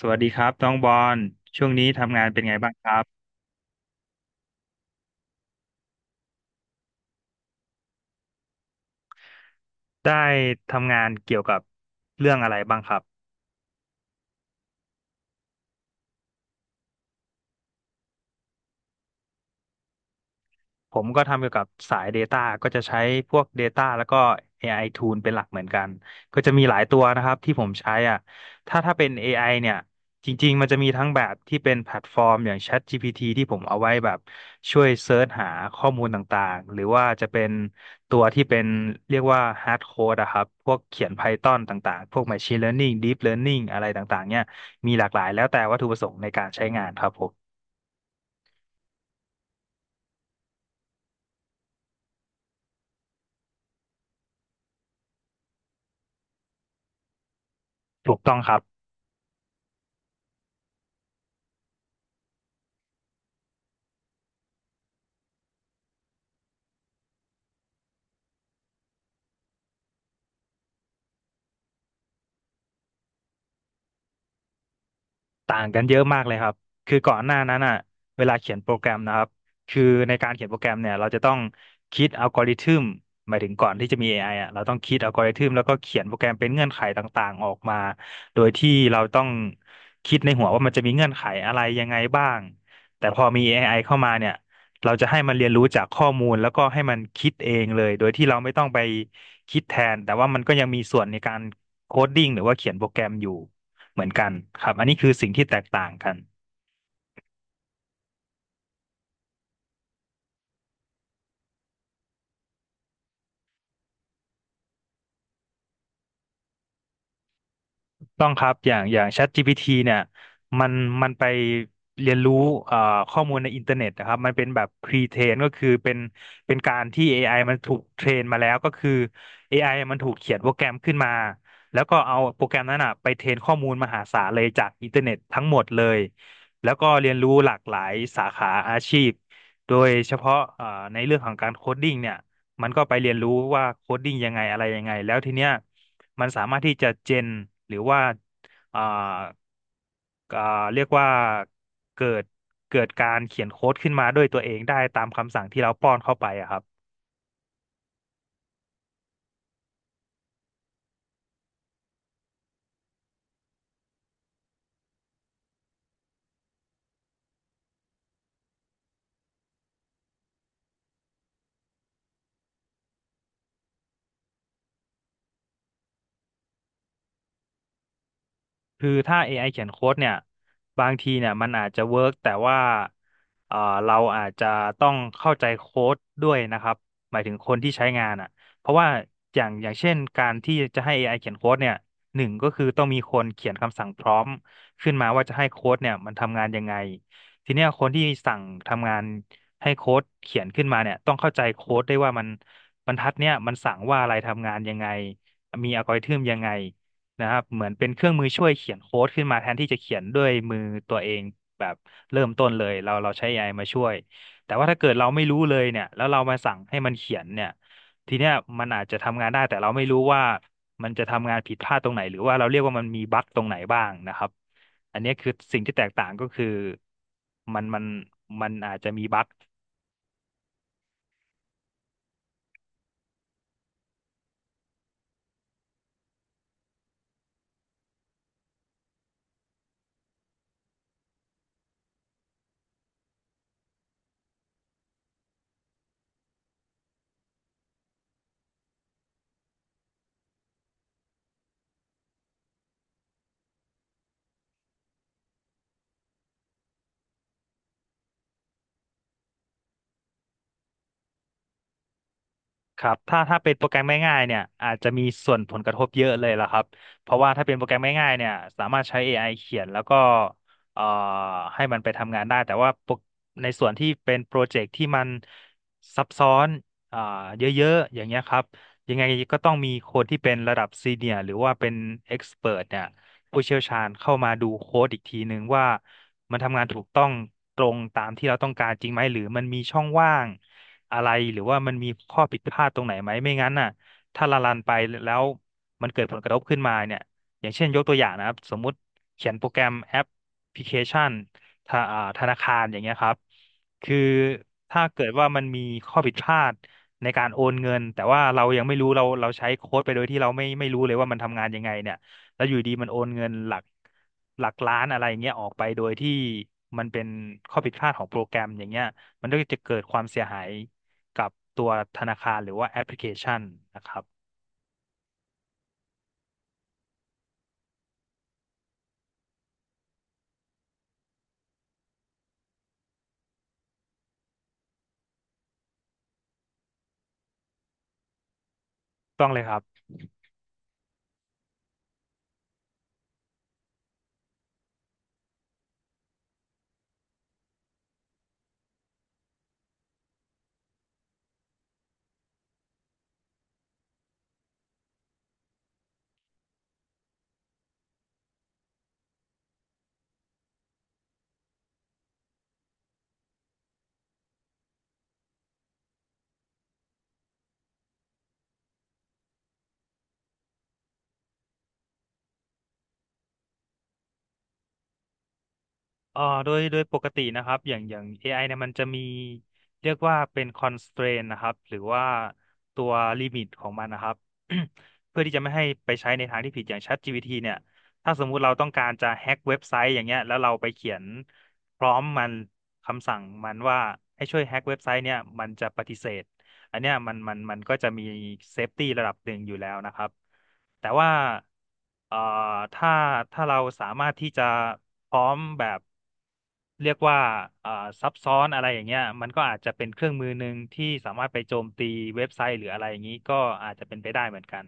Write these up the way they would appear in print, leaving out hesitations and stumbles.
สวัสดีครับน้องบอลช่วงนี้ทำงานเป็นไงบ้างครับได้ทำงานเกี่ยวกับเรื่องอะไรบ้างครับ ผมก็ทำเกี่ยวกับสาย Data ก็จะใช้พวก Data แล้วก็ AI Tool เป็นหลักเหมือนกันก็จะมีหลายตัวนะครับที่ผมใช้อ่ะถ้าเป็น AI เนี่ยจริงๆมันจะมีทั้งแบบที่เป็นแพลตฟอร์มอย่าง ChatGPT ที่ผมเอาไว้แบบช่วยเซิร์ชหาข้อมูลต่างๆหรือว่าจะเป็นตัวที่เป็นเรียกว่า hard code อะครับพวกเขียน Python ต่างๆพวก machine learning deep learning อะไรต่างๆเนี่ยมีหลากหลายแล้วแต่วัตถุประสงค์ในการใช้งานครับผมถูกต้องครับ ต่างกันเยอะมากเลยครับคือก่อนหน้านั้นอ่ะเวลาเขียนโปรแกรมนะครับ คือในการเขียนโปรแกรมเนี่ยเราจะต้องคิดอัลกอริทึมหมายถึงก่อนที่จะมี a ไออ่ะเราต้องคิดอัลกอริทึมแล้วก็เขียนโปรแกรมเป็นเงื่อนไขต่างๆออกมา โดยที่เราต้องคิดในหัวว่ามันจะมีเงื่อนไขอะไรยังไงบ้างแต่พอมี AI เข้ามาเนี่ยเราจะให้มันเรียนรู้จากข้อมูลแล้วก็ให้มันคิดเองเลยโดยที่เราไม่ต้องไปคิดแทนแต่ว่ามันก็ยังมีส่วนในการโคดดิ้งหรือว่าเขียนโปรแกรมอยู่ เหมือนกันครับอันนี้คือสิ่งที่แตกต่างกัน ต้องครับอย่าง ChatGPT เนี่ยมันมันไปเรียนรู้เอ่อข้อมูลในอินเทอร์เน็ตนะครับมันเป็นแบบ pre-train ก็คือเป็นการที่ AI มันถูกเทรนมาแล้วก็คือ AI มันถูกเขียนโปรแกรมขึ้นมาแล้วก็เอาโปรแกรมนั้นอ่ะไปเทรนข้อมูลมหาศาลเลยจากอินเทอร์เน็ตทั้งหมดเลยแล้วก็เรียนรู้หลากหลายสาขาอาชีพโดยเฉพาะในเรื่องของการโคดดิ้งเนี่ยมันก็ไปเรียนรู้ว่าโคดดิ้งยังไงอะไรยังไงแล้วทีเนี้ย มันสามารถที่จะเจนหรือว่าอ่าอ่าเรียกว่าเกิดเกิดการเขียนโค้ดขึ้นมาด้วยตัวเองได้ตามคำสั่งที่เราป้อนเข้าไปอะครับ คือถ้า AI เขียนโค้ดเนี่ยบางทีเนี่ยมันอาจจะเวิร์กแต่ว่าเอ่อเราอาจจะต้องเข้าใจโค้ดด้วยนะครับหมายถึงคนที่ใช้งานอ่ะเพราะว่าอย่างเช่นการที่จะให้เอไ i เขียนโค้ดเนี่ยหนึ่งก็คือต้องมีคนเขียนคำสั่งพร้อมขึ้นมาว่าจะให้โค้ดเนี่ยมันทำงานยังไงทีเนี้ยคนที่สั่งทำงานให้โค้ดเขียนขึ้นมาเนี่ยต้องเข้าใจโค้ดได้วยว่ามันบรรทัดเนี่ยมันสั่งว่าอะไรทำงานยังไงมีอัลกอริทึมยังไง นะครับเหมือนเป็นเครื่องมือช่วยเขียนโค้ดขึ้นมาแทนที่จะเขียนด้วยมือตัวเองแบบเริ่มต้นเลยเราใช้ AI มาช่วยแต่ว่าถ้าเกิดเราไม่รู้เลยเนี่ยแล้วเรามาสั่งให้มันเขียนเนี่ยทีเนี้ยมันอาจจะทำงานได้แต่เราไม่รู้ว่ามันจะทำงานผิดพลาดตรงไหนหรือว่าเราเรียกว่ามันมีบั๊กตรงไหนบ้างนะครับอันเนี้ยคือสิ่งที่แตกต่างก็คือมันมันมันอาจจะมีบั๊ก ครับถ้าเป็นโปรแกรมง่ายๆเนี่ยอาจจะมีส่วนผลกระทบเยอะเลยล่ะครับเพราะว่าถ้าเป็นโปรแกรมง่ายๆเนี่ยสามารถใช้ AI เขียนแล้วก็เอ่อให้มันไปทำงานได้แต่ว่าโปรในส่วนที่เป็นโปรเจกต์ที่มันซับซ้อนอ่าเยอะๆอย่างเงี้ยครับยังไงก็ต้องมีคนที่เป็นระดับซีเนียร์หรือว่าเป็นเอ็กซ์เ t เนี่ย ผู้เชี่ยวชาญเข้ามาดูโค้ดอีกทีนึงว่ามันทำงานถูกต้องตรงตามที่เราต้องการจริงไหมหรือมันมีช่องว่างอะไรหรือว่ามันมีข้อผิดพลาดตรงไหนไหมไม่งั้นน่ะถ้าละลันไปแล้วมันเกิดผลกระทบขึ้นมาเนี่ยอย่างเช่นยกตัวอย่างนะครับสมมุติเขียนโปรแกรมแอปพลิเคชันธาธนาคารอย่างเงี้ยครับคือถ้าเกิดว่ามันมีข้อผิดพลาดในการโอนเงินแต่ว่าเรายังไม่รู้เราใช้โค้ดไปโดยที่เราไม่รู้เลยว่ามันทำงานยังไงเนี่ย แล้วอยู่ดีมันโอนเงินหลักล้านอะไรอย่างเงี้ยออกไปโดยที่มันเป็นข้อผิดพลาดของโปรแกรมอย่างเงี้ยมันก็จะเกิดความเสียหายกับตัวธนาคารหรือว่าแอปพลิเคชันนะครับต้องเลยครับ โดยปกตินะครับอย่างAI เนี่ยมันจะมีเรียกว่าเป็น constraint นะครับหรือว่าตัวลิมิตของมันนะครับ เพื่อที่จะไม่ให้ไปใช้ในทางที่ผิดอย่าง ChatGPT เนี่ยถ้าสมมุติเราต้องการจะแฮ็กเว็บไซต์อย่างเงี้ยแล้วเราไปเขียนพร้อมมันคำสั่งมันว่าให้ช่วยแฮ็กเว็บไซต์เนี่ยมันจะปฏิเสธอันเนี้ยมันก็จะมีเซฟตี้ระดับหนึ่งอยู่แล้วนะครับแต่ว่าเอ่อถ้าเราสามารถที่จะพร้อมแบบ เรียกว่าเอ่อซับซ้อนอะไรอย่างเงี้ยมันก็อาจจะเป็นเครื่องมือหนึ่งที่สามารถไปโจมตีเว็บไซต์หรืออะไรอย่างนี้ก็อาจจะเป็นไปได้เหมือนกัน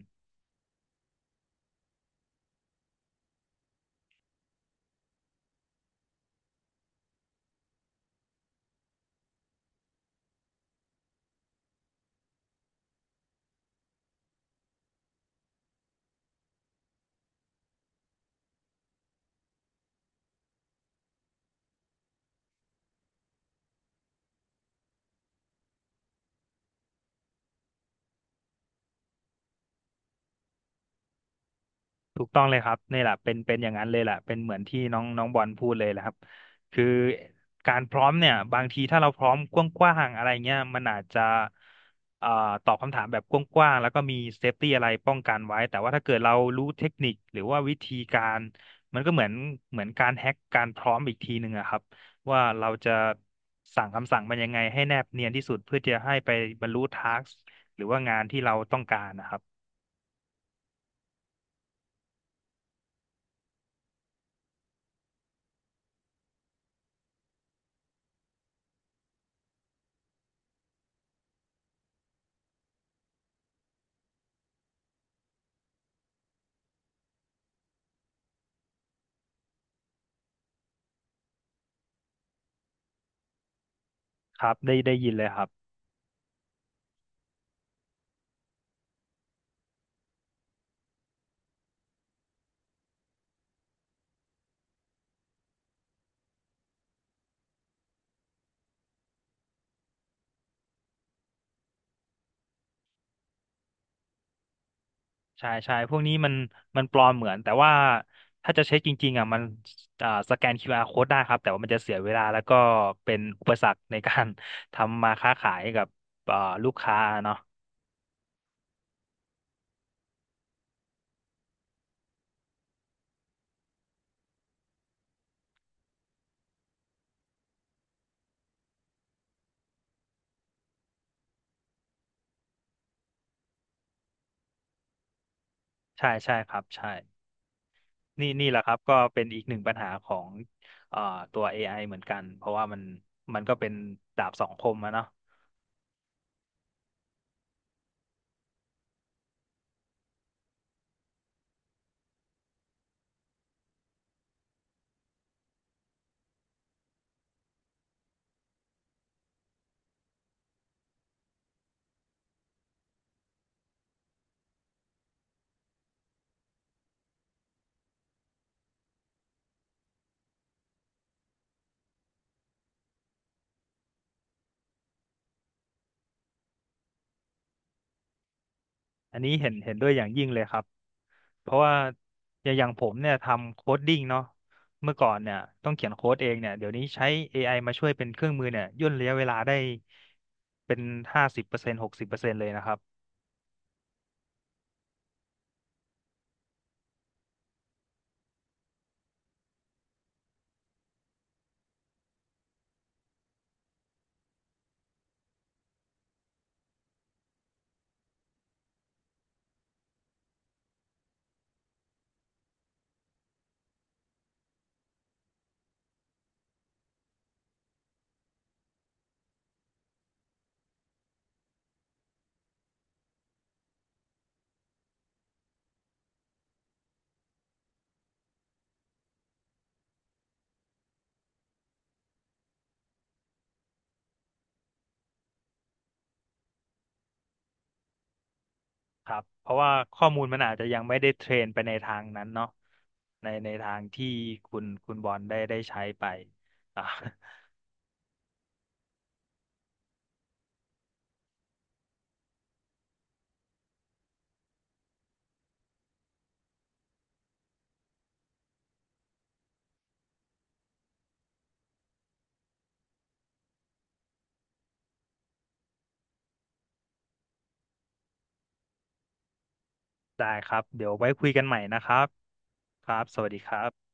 ถูกต้องเลยครับนี่แหละเป็นอย่างนั้นเลยแหละเป็นเหมือนที่น้องน้องบอลพูดเลยแหละครับคือการพร้อมเนี่ยบางทีถ้าเราพร้อมกว้างๆอะไรเงี้ยมันอาจจะเอ่อตอบคำถามแบบกว้างๆแล้วก็มีเซฟตี้อะไรป้องกันไว้แต่ว่าถ้าเกิดเรารู้เทคนิคหรือว่าวิธีการมันก็เหมือนการแฮ็กการพร้อมอีกทีหนึ่งอะครับว่าเราจะสั่งคำสั่งมันยังไงให้แนบเนียนที่สุดเพื่อจะให้ไปบรรลุทาสหรือว่างานที่เราต้องการนะครับครับได้ยินเลยครับ ใช่ใช่พวกนี้มันปลอมเหมือนแต่ว่าถ้าจะเช็คจริงๆอ่ะมันสแกน QR code ได้ครับแต่ว่ามันจะเสียเวลาแล้วก็เป็นอุปสรรคในการ ทำมาค้าขายกับอ่าลูกค้าเนาะใช่ใช่ครับใช่นี่แหละครับก็เป็นอีกหนึ่งปัญหาของอ่าตัว AI เหมือนกันเพราะว่ามันก็เป็นดาบสองคมอะเนาะอันนี้เห็นด้วยอย่างยิ่งเลยครับ เพราะว่าอย่างผมเนี่ยทำโค้ดดิ้งเนาะเมื่อก่อนเนี่ยต้องเขียนโค้ดเองเนี่ยเดี๋ยวนี้ใช้ AI มาช่วยเป็นเครื่องมือเนี่ยย่นระยะเวลาได้เป็น50%60%เลยนะครับครับเพราะว่าข้อมูลมันอาจจะยังไม่ได้เทรนไปในทางนั้นเนาะในทางที่คุณบอลได้ใช้ไปอ่ะ ได้ครับเดี๋ยวไว้คุยกันใหม่นะครับครับสวัสดีครับ